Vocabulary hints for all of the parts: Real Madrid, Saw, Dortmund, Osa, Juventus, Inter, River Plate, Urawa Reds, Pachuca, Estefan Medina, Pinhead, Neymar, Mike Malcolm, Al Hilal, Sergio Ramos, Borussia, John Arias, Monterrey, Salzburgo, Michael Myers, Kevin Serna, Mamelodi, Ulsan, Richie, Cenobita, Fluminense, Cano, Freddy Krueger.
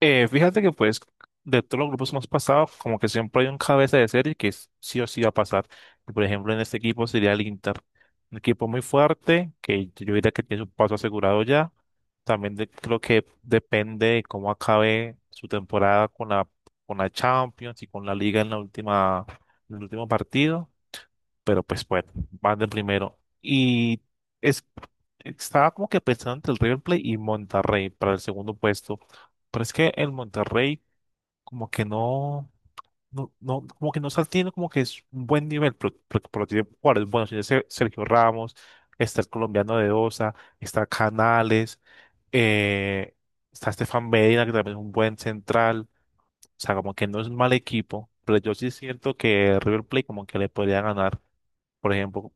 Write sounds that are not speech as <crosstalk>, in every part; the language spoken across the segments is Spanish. Fíjate que pues de todos los grupos que hemos pasado, como que siempre hay un cabeza de serie que sí o sí va a pasar. Por ejemplo, en este equipo sería el Inter, un equipo muy fuerte que yo diría que tiene su paso asegurado ya. También creo que depende de cómo acabe su temporada con la Champions y con la Liga en en el último partido, pero pues bueno, van del primero. Es, estaba como que pensando entre el River Plate y Monterrey para el segundo puesto, pero es que el Monterrey como que como que no está teniendo como que es un buen nivel, pero tiene jugadores buenos, tiene Sergio Ramos, está el colombiano de Osa, está Canales, eh, está Estefan Medina, que también es un buen central, o sea, como que no es un mal equipo, pero yo sí siento que River Plate como que le podría ganar. Por ejemplo,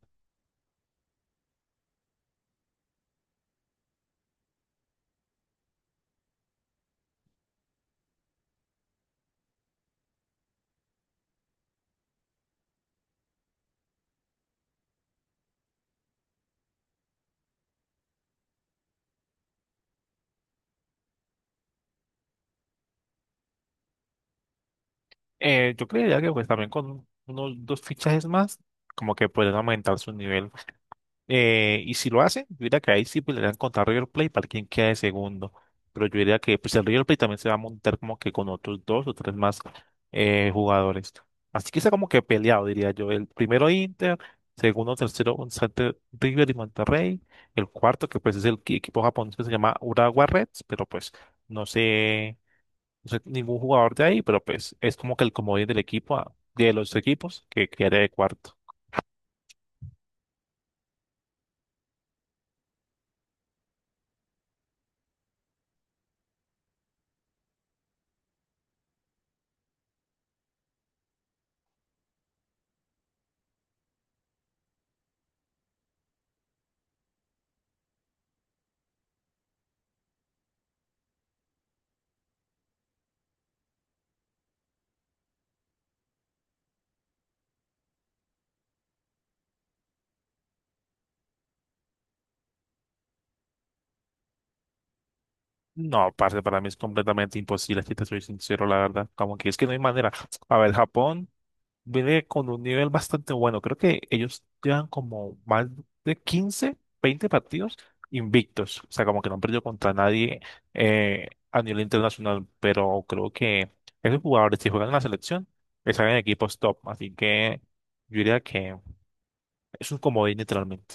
Yo creería que pues también con unos dos fichajes más, como que pueden aumentar su nivel. Y si lo hacen, yo diría que ahí sí podrían contar River Plate para quien quede segundo. Pero yo diría que pues el River Plate también se va a montar como que con otros dos o tres más jugadores. Así que está como que peleado, diría yo. El primero Inter, segundo, tercero, un River y Monterrey. El cuarto, que pues es el equipo japonés que se llama Urawa Reds, pero pues no sé, no soy ningún jugador de ahí, pero pues es como que el comodín del equipo, ah, de los equipos, que quede de cuarto. No, parce, para mí es completamente imposible, si te soy sincero, la verdad. Como que es que no hay manera. A ver, Japón viene con un nivel bastante bueno. Creo que ellos llevan como más de 15, 20 partidos invictos. O sea, como que no han perdido contra nadie a nivel internacional. Pero creo que esos jugadores, si juegan en la selección, están en equipos top. Así que yo diría que es un comodín, literalmente.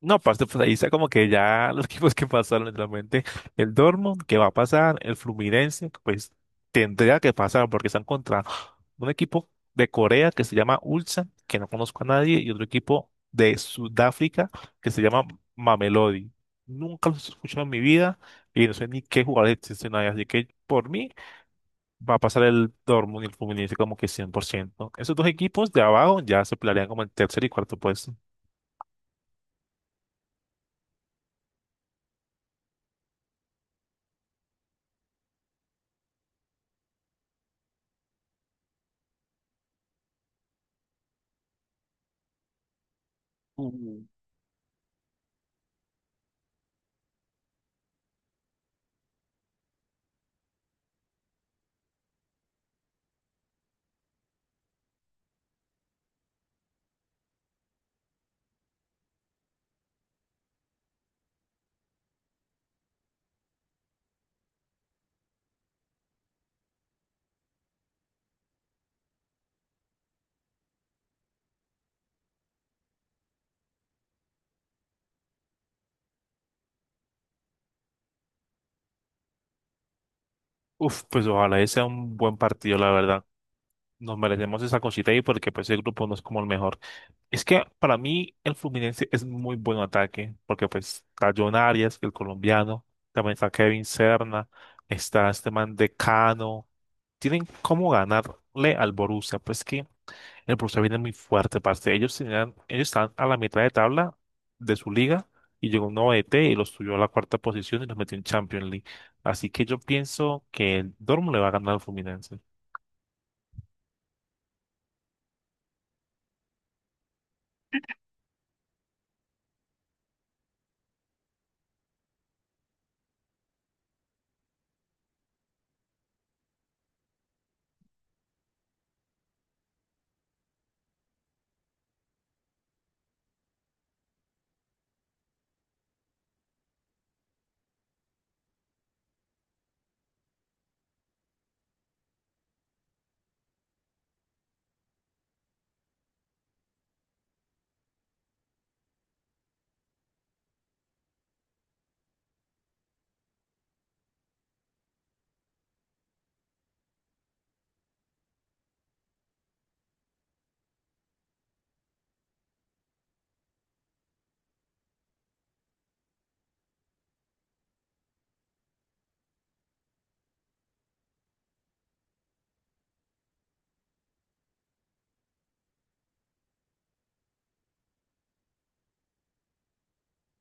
No, aparte, pues ahí está como que ya <laughs> los equipos que pasaron, literalmente. El Dortmund, que va a pasar, el Fluminense, pues tendría que pasar porque están contra un equipo de Corea que se llama Ulsan, que no conozco a nadie, y otro equipo de Sudáfrica que se llama Mamelodi. Nunca los he escuchado en mi vida y no sé ni qué jugadores existen ahí, así que por mí va a pasar el Dortmund y el Fluminense como que cien por ciento. Esos dos equipos de abajo ya se pelearían como el tercer y cuarto puesto. Uf, pues ojalá ese sea un buen partido, la verdad. Nos merecemos esa cosita ahí porque pues el grupo no es como el mejor. Es que para mí el Fluminense es muy buen ataque porque pues está John Arias, el colombiano, también está Kevin Serna, está este man de Cano. Tienen cómo ganarle al Borussia. Pues que el Borussia viene muy fuerte, parce. Ellos están a la mitad de tabla de su liga y llegó un nuevo DT y los subió a la cuarta posición y los metió en Champions League. Así que yo pienso que el Dortmund le va a ganar al Fluminense.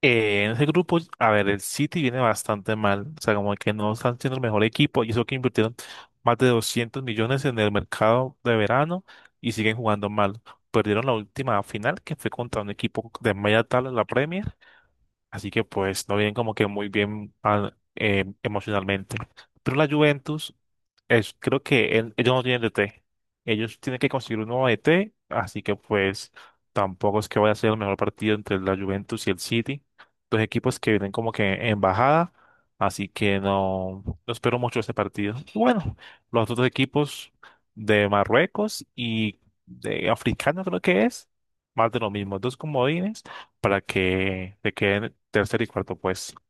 En ese grupo, a ver, el City viene bastante mal. O sea, como que no están siendo el mejor equipo y eso que invirtieron más de 200 millones en el mercado de verano y siguen jugando mal. Perdieron la última final que fue contra un equipo de media tabla en la Premier. Así que pues no vienen como que muy bien emocionalmente. Pero la Juventus, es, creo que ellos no tienen DT. Ellos tienen que conseguir un nuevo DT, así que pues tampoco es que vaya a ser el mejor partido entre la Juventus y el City. Dos equipos que vienen como que en bajada, así que no, no espero mucho este partido. Y bueno, los otros equipos de Marruecos y de africano creo que es, más de lo mismo, dos comodines para que te queden en tercer y cuarto puesto.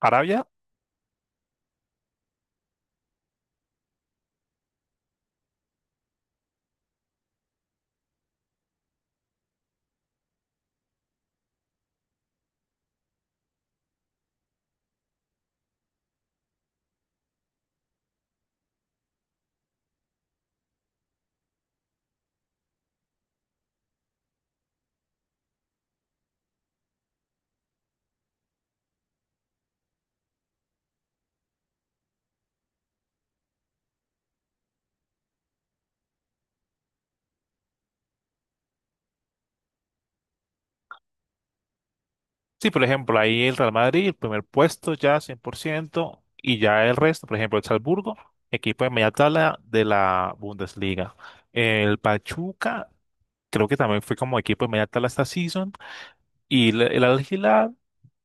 Arabia, sí, por ejemplo, ahí el Real Madrid, el primer puesto ya 100% y ya el resto, por ejemplo, el Salzburgo, equipo de media tabla de la Bundesliga. El Pachuca, creo que también fue como equipo de media tabla esta season, y el Al Hilal,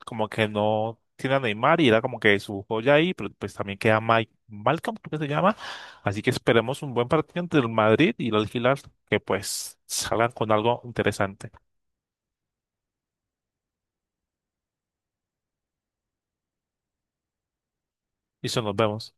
como que no tiene a Neymar y era como que su joya ahí, pero pues también queda Mike Malcolm, creo que se llama. Así que esperemos un buen partido entre el Madrid y el Al Hilal, que pues salgan con algo interesante. Y eso, nos vemos.